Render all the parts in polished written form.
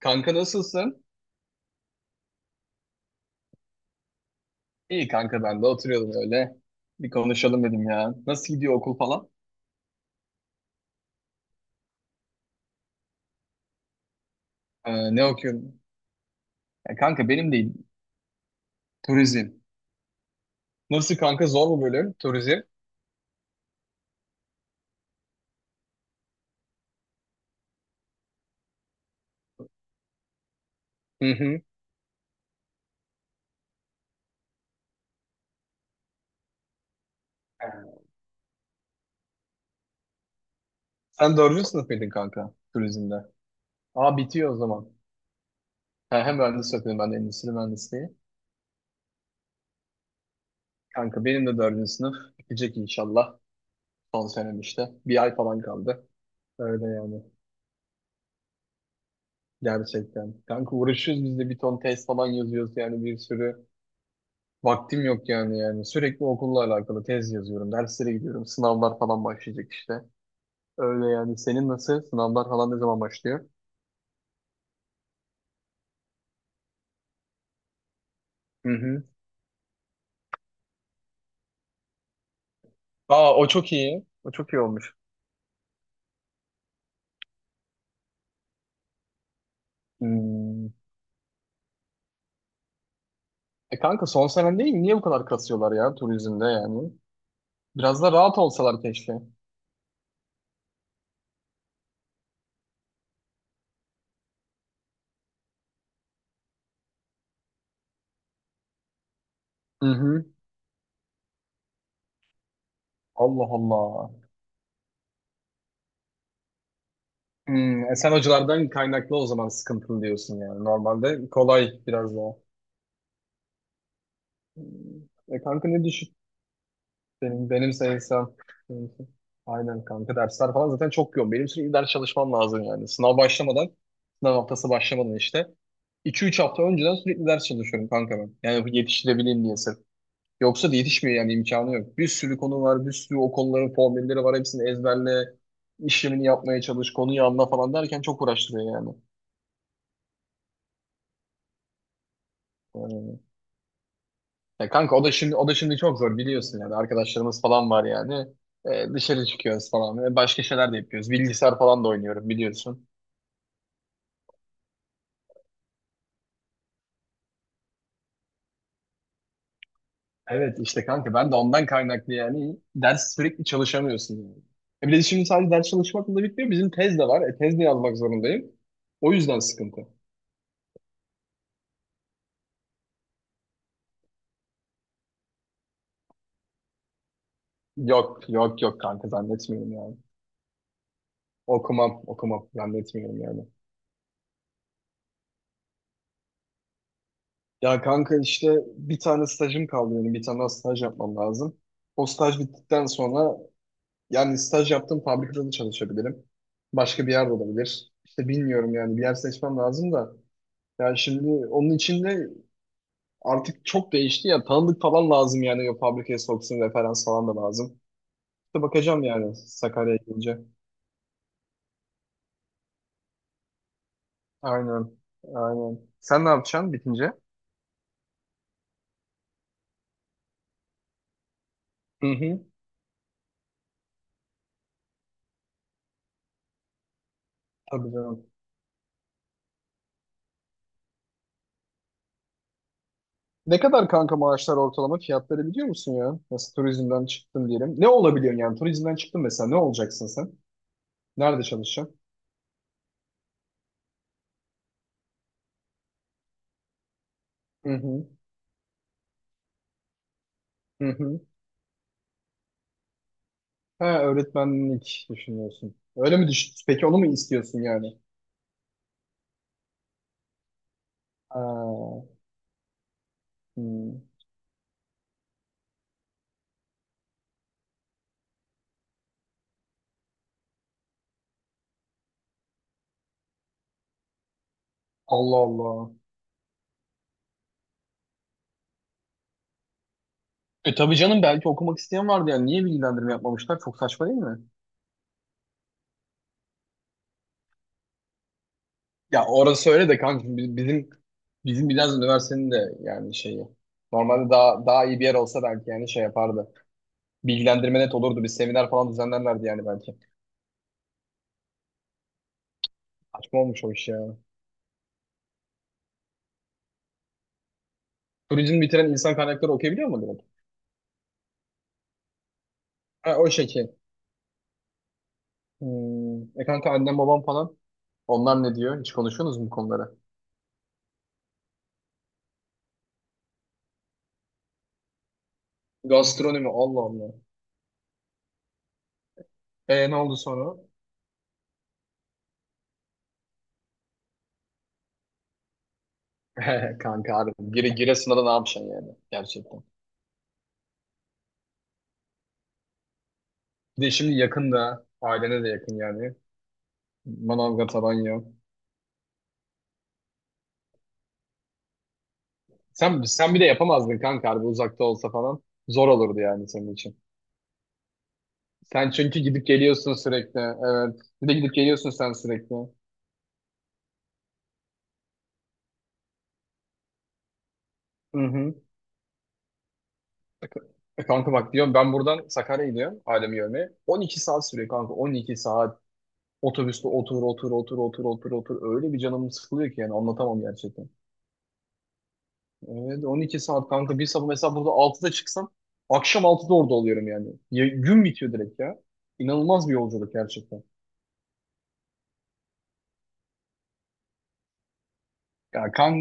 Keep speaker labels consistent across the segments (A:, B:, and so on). A: Kanka, nasılsın? İyi kanka, ben de oturuyordum öyle. Bir konuşalım dedim ya. Nasıl gidiyor okul falan? Ne okuyorsun? Ya kanka benim değil. Turizm. Nasıl kanka, zor mu bölüm? Turizm. Hı hı. Sen dördüncü sınıf mıydın kanka turizmde? Aa, bitiyor o zaman. Ha, hem mühendis okuyorum ben de, endüstri mühendisliği. Kanka benim de dördüncü sınıf bitecek inşallah. Son senem işte. Bir ay falan kaldı. Öyle yani. Gerçekten. Kanka uğraşıyoruz biz de, bir ton test falan yazıyoruz yani, bir sürü. Vaktim yok yani. Sürekli okulla alakalı tez yazıyorum. Derslere gidiyorum. Sınavlar falan başlayacak işte. Öyle yani. Senin nasıl? Sınavlar falan ne zaman başlıyor? Hı hı. Aa, o çok iyi. O çok iyi olmuş. Hmm. E kanka, son senen değil mi? Niye bu kadar kasıyorlar ya turizmde yani? Biraz da rahat olsalar keşke. Hı hı. Allah Allah. Hmm, e sen hocalardan kaynaklı o zaman sıkıntılı diyorsun yani. Normalde kolay biraz daha. Hmm. E kanka, ne düşün? Benim sayısam. benim- Aynen kanka, dersler falan zaten çok yoğun. Benim sürekli ders çalışmam lazım yani. Sınav başlamadan, sınav haftası başlamadan işte. İki üç hafta önceden sürekli ders çalışıyorum kanka ben. Yani yetiştirebileyim diye sırf. Yoksa da yetişmiyor yani, imkanı yok. Bir sürü konu var, bir sürü o konuların formülleri var. Hepsini ezberle, işlemini yapmaya çalış, konuyu anla falan derken çok uğraştırıyor yani. Ee, Ya kanka, o da şimdi çok zor biliyorsun yani, arkadaşlarımız falan var yani. E, dışarı çıkıyoruz falan. E, başka şeyler de yapıyoruz. Bilgisayar falan da oynuyorum biliyorsun. Evet işte kanka, ben de ondan kaynaklı yani, ders sürekli çalışamıyorsun yani. E bir de şimdi sadece ders çalışmakla da bitmiyor. Bizim tez de var. E, tez de yazmak zorundayım. O yüzden sıkıntı. Yok yok yok kanka, zannetmiyorum yani. Okumam zannetmiyorum yani. Ya kanka işte, bir tane stajım kaldı benim. Bir tane daha staj yapmam lazım. O staj bittikten sonra, yani staj yaptığım fabrikada da çalışabilirim. Başka bir yerde olabilir. İşte bilmiyorum yani, bir yer seçmem lazım da. Yani şimdi onun için de, artık çok değişti ya. Tanıdık falan lazım yani, o fabrikaya soksun, referans falan da lazım. İşte bakacağım yani Sakarya'ya gelince. Aynen. Aynen. Sen ne yapacaksın bitince? Hı hı. Tabii canım. Ne kadar kanka maaşlar, ortalama fiyatları biliyor musun ya? Nasıl, turizmden çıktın diyelim. Ne olabiliyorsun yani? Turizmden çıktın mesela, ne olacaksın sen? Nerede çalışacaksın? Hı hı. Hı hı. Ha, öğretmenlik düşünüyorsun. Öyle mi düş, peki onu mu istiyorsun yani? Ha, hmm. Allah Allah. E tabii canım, belki okumak isteyen vardı yani. Niye bilgilendirme yapmamışlar? Çok saçma değil mi? Ya orası öyle de kanka, bizim biraz üniversitenin de yani şeyi. Normalde daha iyi bir yer olsa belki yani şey yapardı. Bilgilendirme net olurdu. Bir seminer falan düzenlerlerdi yani belki. Saçma olmuş o iş ya. Turizm bitiren insan kaynakları okuyabiliyor mu direkt? Ha, o şekil. Hmm. E kanka, annem babam falan, onlar ne diyor? Hiç konuşuyorsunuz mu bu konuları? Gastronomi, Allah Allah. E ne oldu sonra? Kanka abi, Giresun'da da ne yapacaksın yani gerçekten. Bir de şimdi yakın, ailene de yakın yani. Manavgat, Alanya. Sen bir de yapamazdın kanka, harbi uzakta olsa falan. Zor olurdu yani senin için. Sen çünkü gidip geliyorsun sürekli. Evet. Bir de gidip geliyorsun sen sürekli. Hı hı. E kanka bak, diyorum ben buradan Sakarya'ya gidiyorum ailemi görmeye. 12 saat sürüyor kanka, 12 saat. Otobüste otur otur otur otur otur otur. Öyle bir canım sıkılıyor ki yani, anlatamam gerçekten. Evet on iki saat kanka, bir sabah mesela burada altıda çıksam akşam altıda orada oluyorum yani. Ya- gün bitiyor direkt ya. İnanılmaz bir yolculuk gerçekten. Ya kan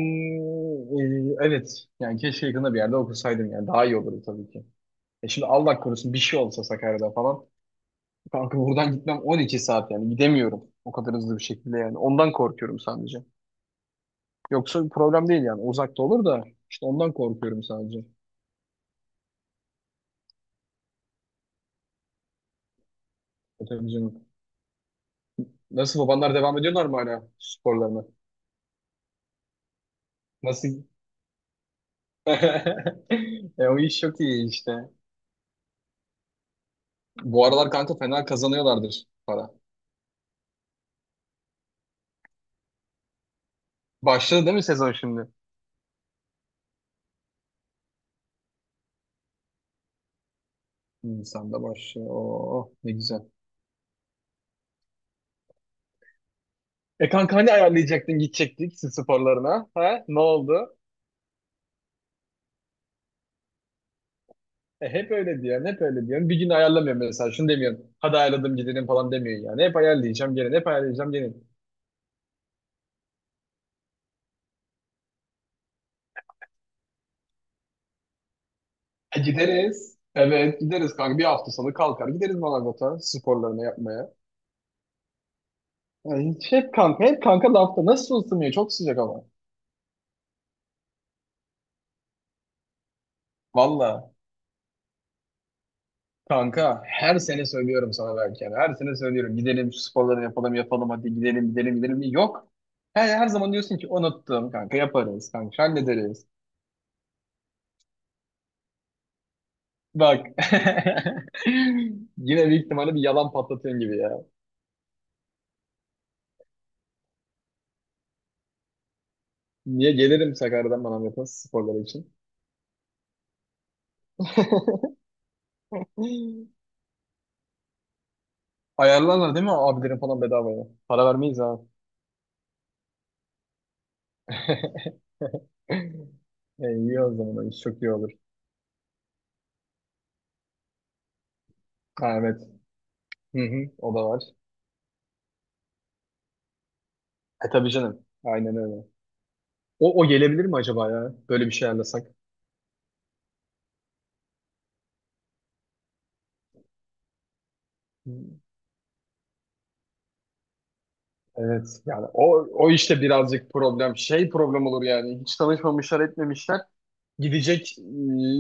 A: e, evet yani keşke yakında bir yerde okusaydım yani, daha iyi olurdu tabii ki. E şimdi Allah korusun bir şey olsa Sakarya'da falan. Kanka buradan gitmem 12 saat yani, gidemiyorum o kadar hızlı bir şekilde yani. Ondan korkuyorum sadece. Yoksa bir problem değil yani, uzakta olur da işte, ondan korkuyorum sadece. E, tabii canım. Nasıl babanlar, devam ediyorlar mı hala sporlarına? Nasıl? E, o iş çok iyi işte. Bu aralar kanka fena kazanıyorlardır para. Başladı değil mi sezon şimdi? Nisan'da başlıyor. Oo, ne güzel. E kanka hani ayarlayacaktın, gidecektik siz sporlarına? Ha? Ne oldu? E, hep öyle diyorsun. Bir gün ayarlamıyorum mesela. Şunu demiyorsun. Hadi ayarladım gidelim falan demiyorsun yani. Hep ayarlayacağım gelin, hep ayarlayacağım gelin. E, gideriz. Evet gideriz kanka. Bir hafta sonu kalkar gideriz Manavgat'a sporlarını yapmaya. Ya hiç, hep kanka, hep kanka lafta. Nasıl ısınıyor? Çok sıcak ama. Valla. Kanka her sene söylüyorum sana belki. Yani. Her sene söylüyorum. Gidelim şu sporları yapalım yapalım, hadi gidelim gidelim gidelim. Yok. Her zaman diyorsun ki unuttum kanka, yaparız kanka, hallederiz. Bak. Yine büyük ihtimalle bir yalan patlatıyorsun gibi ya. Niye gelirim Sakarya'dan bana, yapın sporları için. Ayarlarlar değil mi abilerin falan bedavaya? Para vermeyiz ha. E, iyi o zaman. Çok iyi olur. Ha, evet. Hı hı, o da var. E tabii canım. Aynen öyle. O gelebilir mi acaba ya? Böyle bir şey ayarlasak. Hı, evet. Yani o işte birazcık problem. Şey problem olur yani. Hiç tanışmamışlar etmemişler. Gidecek,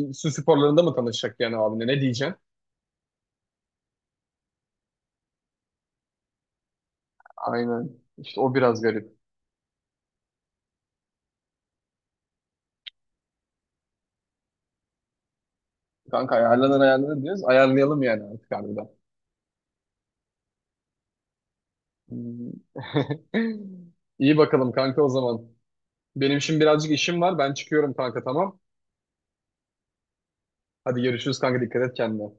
A: e, su sporlarında mı tanışacak yani abine? Ne diyeceksin? Aynen. İşte o biraz garip. Kanka ayarlanır diyoruz. Ayarlayalım yani artık harbiden. Hmm. İyi bakalım kanka o zaman. Benim şimdi birazcık işim var. Ben çıkıyorum kanka, tamam. Hadi görüşürüz kanka, dikkat et kendine.